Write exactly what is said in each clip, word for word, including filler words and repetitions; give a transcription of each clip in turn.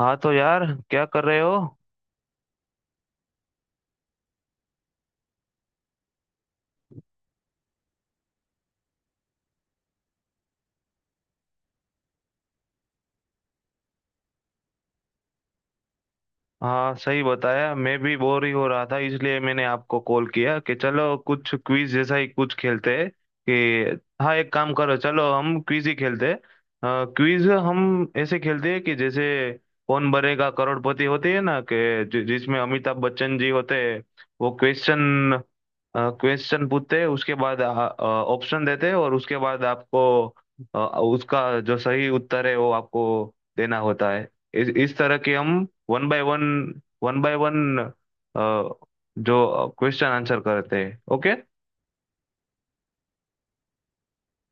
हाँ, तो यार, क्या कर रहे हो? हाँ, सही बताया। मैं भी बोर ही हो रहा था, इसलिए मैंने आपको कॉल किया कि चलो कुछ क्विज जैसा ही कुछ खेलते हैं। कि हाँ, एक काम करो, चलो हम क्विज ही खेलते हैं। क्विज हम ऐसे खेलते हैं कि जैसे कौन बनेगा करोड़पति होती है ना, कि जि, जिसमें अमिताभ बच्चन जी होते हैं। वो क्वेश्चन क्वेश्चन पूछते हैं, उसके बाद ऑप्शन देते हैं और उसके बाद आपको अ, उसका जो सही उत्तर है वो आपको देना होता है। इस इस तरह के हम one by one one by one जो क्वेश्चन आंसर करते हैं। ओके।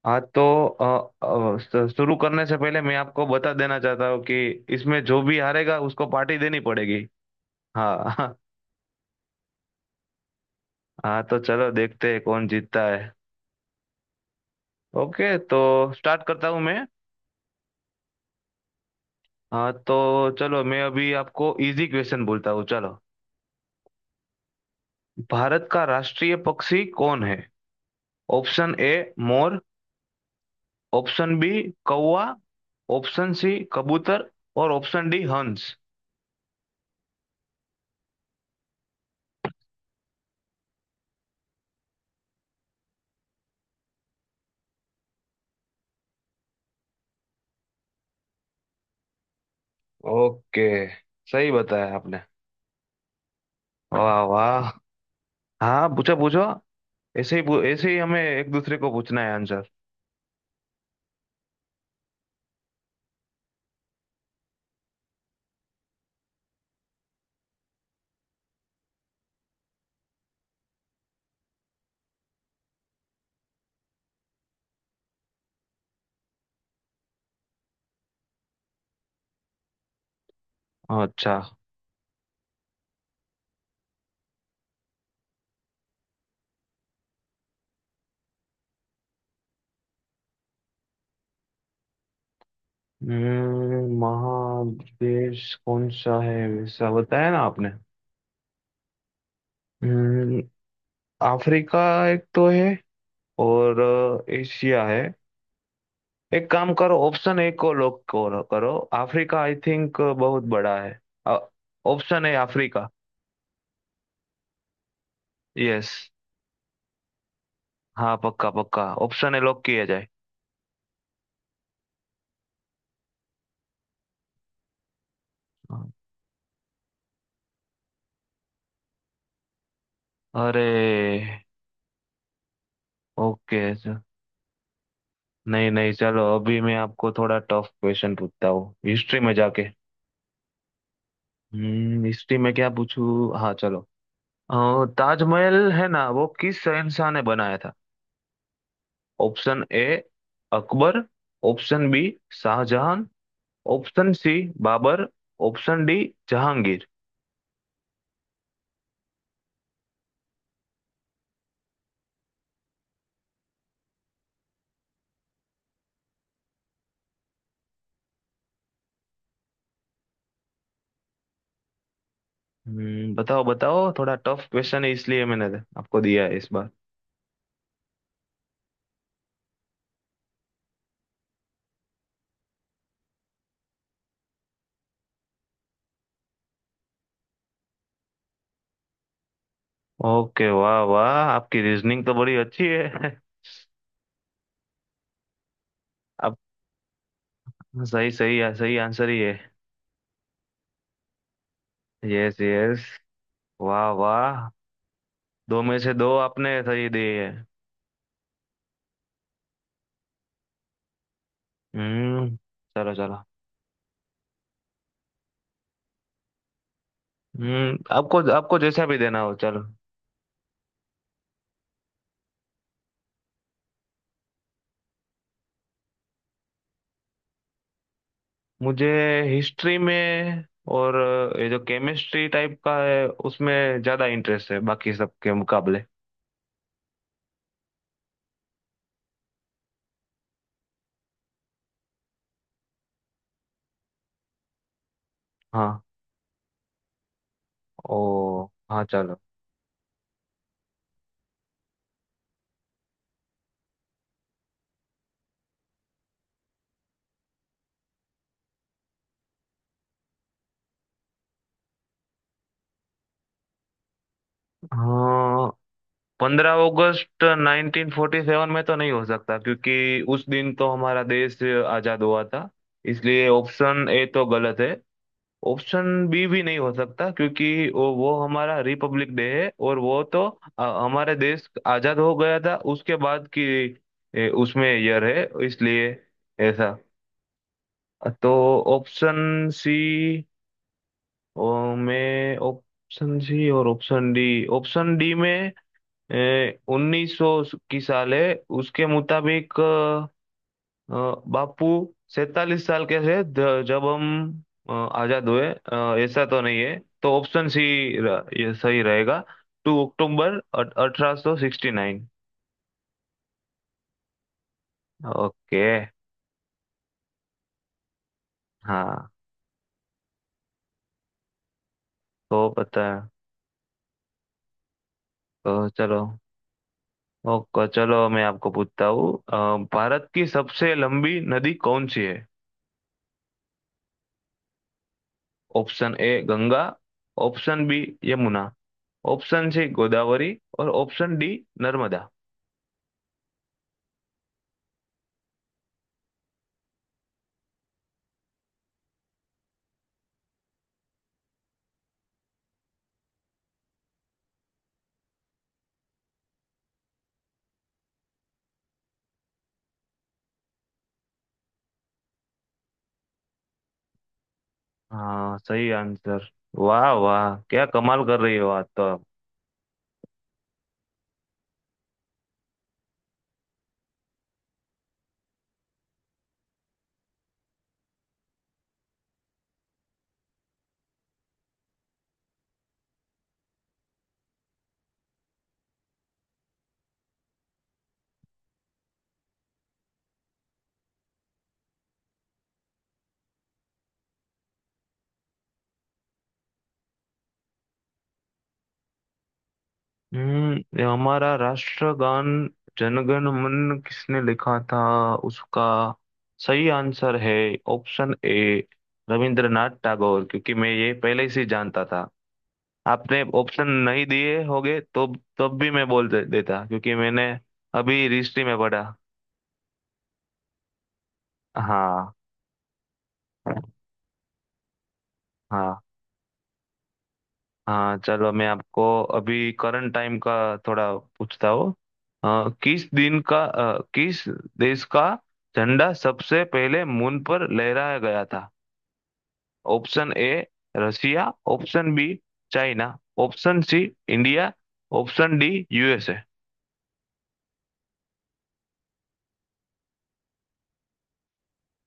हाँ तो अ, अ, स- शुरू करने से पहले मैं आपको बता देना चाहता हूँ कि इसमें जो भी हारेगा उसको पार्टी देनी पड़ेगी। हाँ। हाँ तो चलो देखते हैं कौन जीतता है। ओके तो स्टार्ट करता हूँ मैं। हाँ तो चलो, मैं अभी आपको इजी क्वेश्चन बोलता हूँ, चलो। भारत का राष्ट्रीय पक्षी कौन है? ऑप्शन ए मोर, ऑप्शन बी कौवा, ऑप्शन सी कबूतर, और ऑप्शन डी हंस। ओके, सही बताया आपने। वाह वाह। हाँ पूछो पूछो। ऐसे ही पू- ऐसे ही हमें एक दूसरे को पूछना है आंसर। अच्छा। हम्म, महादेश कौन सा है वैसा बताया ना आपने? हम्म, अफ्रीका एक तो है, और अ, एशिया है। एक काम करो, ऑप्शन ए को लॉक करो करो। अफ्रीका आई थिंक बहुत बड़ा है। ऑप्शन है अफ्रीका। यस। हाँ पक्का पक्का, ऑप्शन है, लॉक किया जाए। हाँ। अरे। ओके। नहीं नहीं, चलो अभी मैं आपको थोड़ा टफ क्वेश्चन पूछता हूँ, हिस्ट्री में जाके। हम्म हिस्ट्री में क्या पूछूं? हाँ चलो, अ, ताजमहल है ना, वो किस शहंशाह ने बनाया था? Option A Akbar, option B Shahjahan, option C Babur, option D Jahangir. Hmm बताओ बताओ, थोड़ा टफ क्वेश्चन है इसलिए मैंने आपको दिया है इस बार। ओके, वाह वाह, आपकी रीजनिंग तो बड़ी अच्छी है। आप सही, सही सही आंसर ही है। Yes yes. वाह वाह। दो में से दो आपने सही दिए है। हम्म चलो चलो। हम्म आपको आपको जैसा भी देना हो, चलो। मुझे हिस्ट्री में और अ, ये जो केमिस्ट्री टाइप का है उसमें ज्यादा इंटरेस्ट है, बाकी सबके मुकाबले। हाँ। ओ। हाँ चलो। हाँ, पंद्रह अगस्त नाइनटीन फोर्टी सेवन में तो नहीं हो सकता, क्योंकि उस दिन तो हमारा देश आजाद हुआ था, इसलिए ऑप्शन ए तो गलत है। ऑप्शन बी भी नहीं हो सकता, क्योंकि वो वो हमारा रिपब्लिक डे है और वो तो अ, हमारे देश आजाद हो गया था उसके बाद की। ए, उसमें ईयर है इसलिए ऐसा तो। ऑप्शन सी में ऑप्शन सी और ऑप्शन डी ऑप्शन डी में उन्नीस सौ की साल है। उसके मुताबिक अ, बापू सैतालीस साल कैसे, ज- जब हम अ, आजाद हुए, अ, ऐसा तो नहीं है। तो ऑप्शन सी, र- ये सही रहेगा। टू अक्टूबर अठारह सौ सिक्सटी नाइन। ओके। हाँ तो पता है। तो चलो। ओके चलो, मैं आपको पूछता हूँ। अ, भारत की सबसे लंबी नदी कौन सी है? Option A Ganga, option B Yamuna, option C Godavari, और ऑप्शन डी नर्मदा। हाँ, सही आंसर। वाह वाह, क्या कमाल कर रही हो आज तो आप। हम्म ये हमारा राष्ट्रगान जनगण मन किसने लिखा था, उसका सही आंसर है ऑप्शन ए रविंद्रनाथ टैगोर, क्योंकि मैं ये पहले से ही जानता था। आपने ऑप्शन नहीं दिए होगे तो तब भी मैं बोल दे, देता, क्योंकि मैंने अभी हिस्ट्री में पढ़ा। हाँ। हाँ। हाँ चलो, मैं आपको अभी करंट टाइम का थोड़ा पूछता हूँ। अ, किस दिन का अ, किस देश का झंडा सबसे पहले मून पर लहराया गया था? Option A Russia, option B China, option C India, option D USA.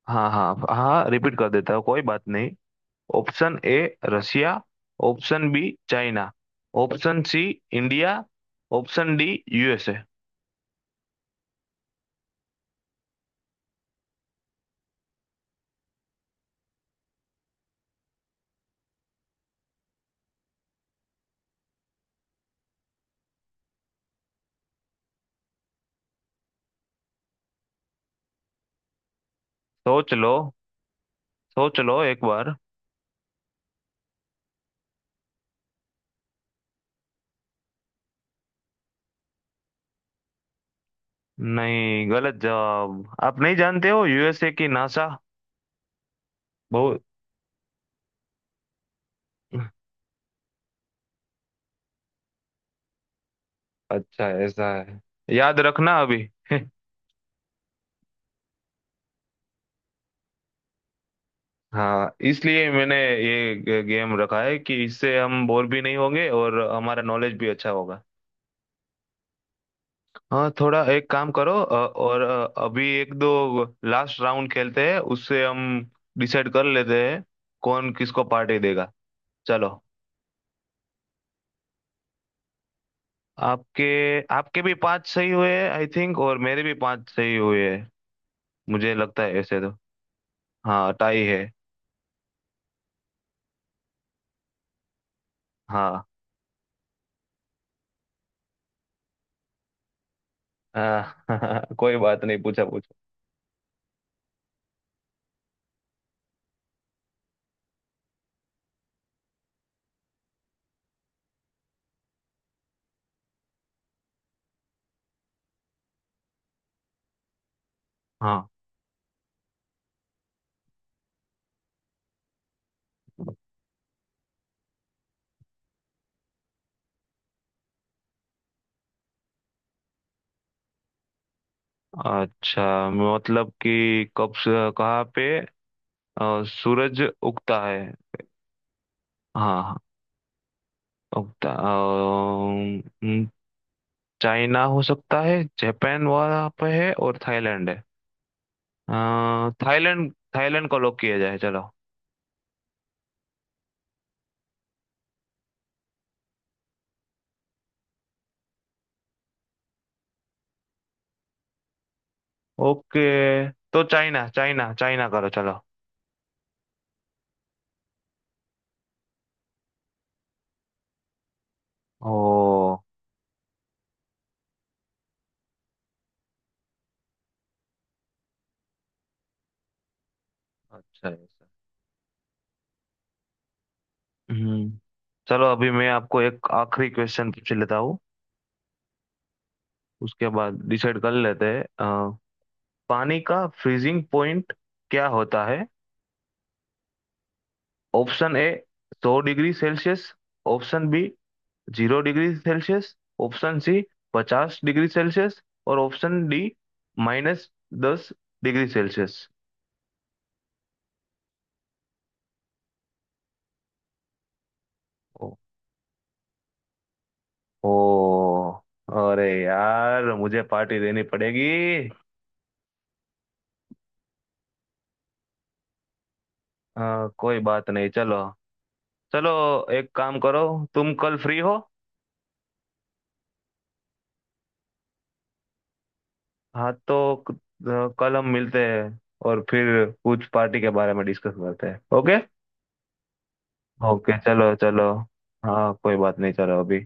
हाँ हाँ हाँ, रिपीट कर देता हूँ, कोई बात नहीं। Option A Russia, option B China, option C India, option D USA. सोच लो, सोच लो एक बार। नहीं, गलत जवाब। आप नहीं जानते हो? यू एस ए की नासा। बहुत अच्छा। ऐसा है, याद रखना अभी। हाँ, इसलिए मैंने ये गे- गेम रखा है कि इससे हम बोर भी नहीं होंगे और हमारा नॉलेज भी अच्छा होगा। हाँ, थोड़ा एक काम करो, अ, और अ, अभी एक दो लास्ट राउंड खेलते हैं, उससे हम डिसाइड कर लेते हैं कौन किसको पार्टी देगा। चलो। आपके आपके भी पांच सही हुए आई थिंक, और मेरे भी पांच सही हुए हैं, मुझे लगता है ऐसे तो। हाँ टाई है। हाँ। हाँ। कोई बात नहीं, पूछा पूछा। हाँ। अच्छा, मतलब कि कब से- कहाँ पे अ, सूरज उगता है? हाँ। हाँ, उगता। अ, चाइना हो सकता है, जापान वहाँ पे है, और थाईलैंड है। अ, थाईलैंड थाईलैंड को लॉक किया जाए चलो। ओके, तो चाइना चाइना चाइना करो चलो। ओ। अच्छा है। हम्म चलो अभी मैं आपको एक आखिरी क्वेश्चन पूछ लेता हूँ, उसके बाद डिसाइड कर लेते हैं। अ, पानी का फ्रीजिंग पॉइंट क्या होता है? ऑप्शन ए सौ degree Celsius, option B zero degree Celsius, option C पचास डिग्री सेल्सियस, और ऑप्शन डी माइनस दस डिग्री सेल्सियस। ओ, ओ, अरे यार मुझे पार्टी देनी पड़ेगी। अ, कोई बात नहीं। चलो चलो, एक काम करो, तुम कल फ्री हो? हाँ तो, क- अ, कल हम मिलते हैं और फिर कुछ पार्टी के बारे में डिस्कस करते हैं, ओके। ओके चलो चलो। हाँ कोई बात नहीं, चलो अभी।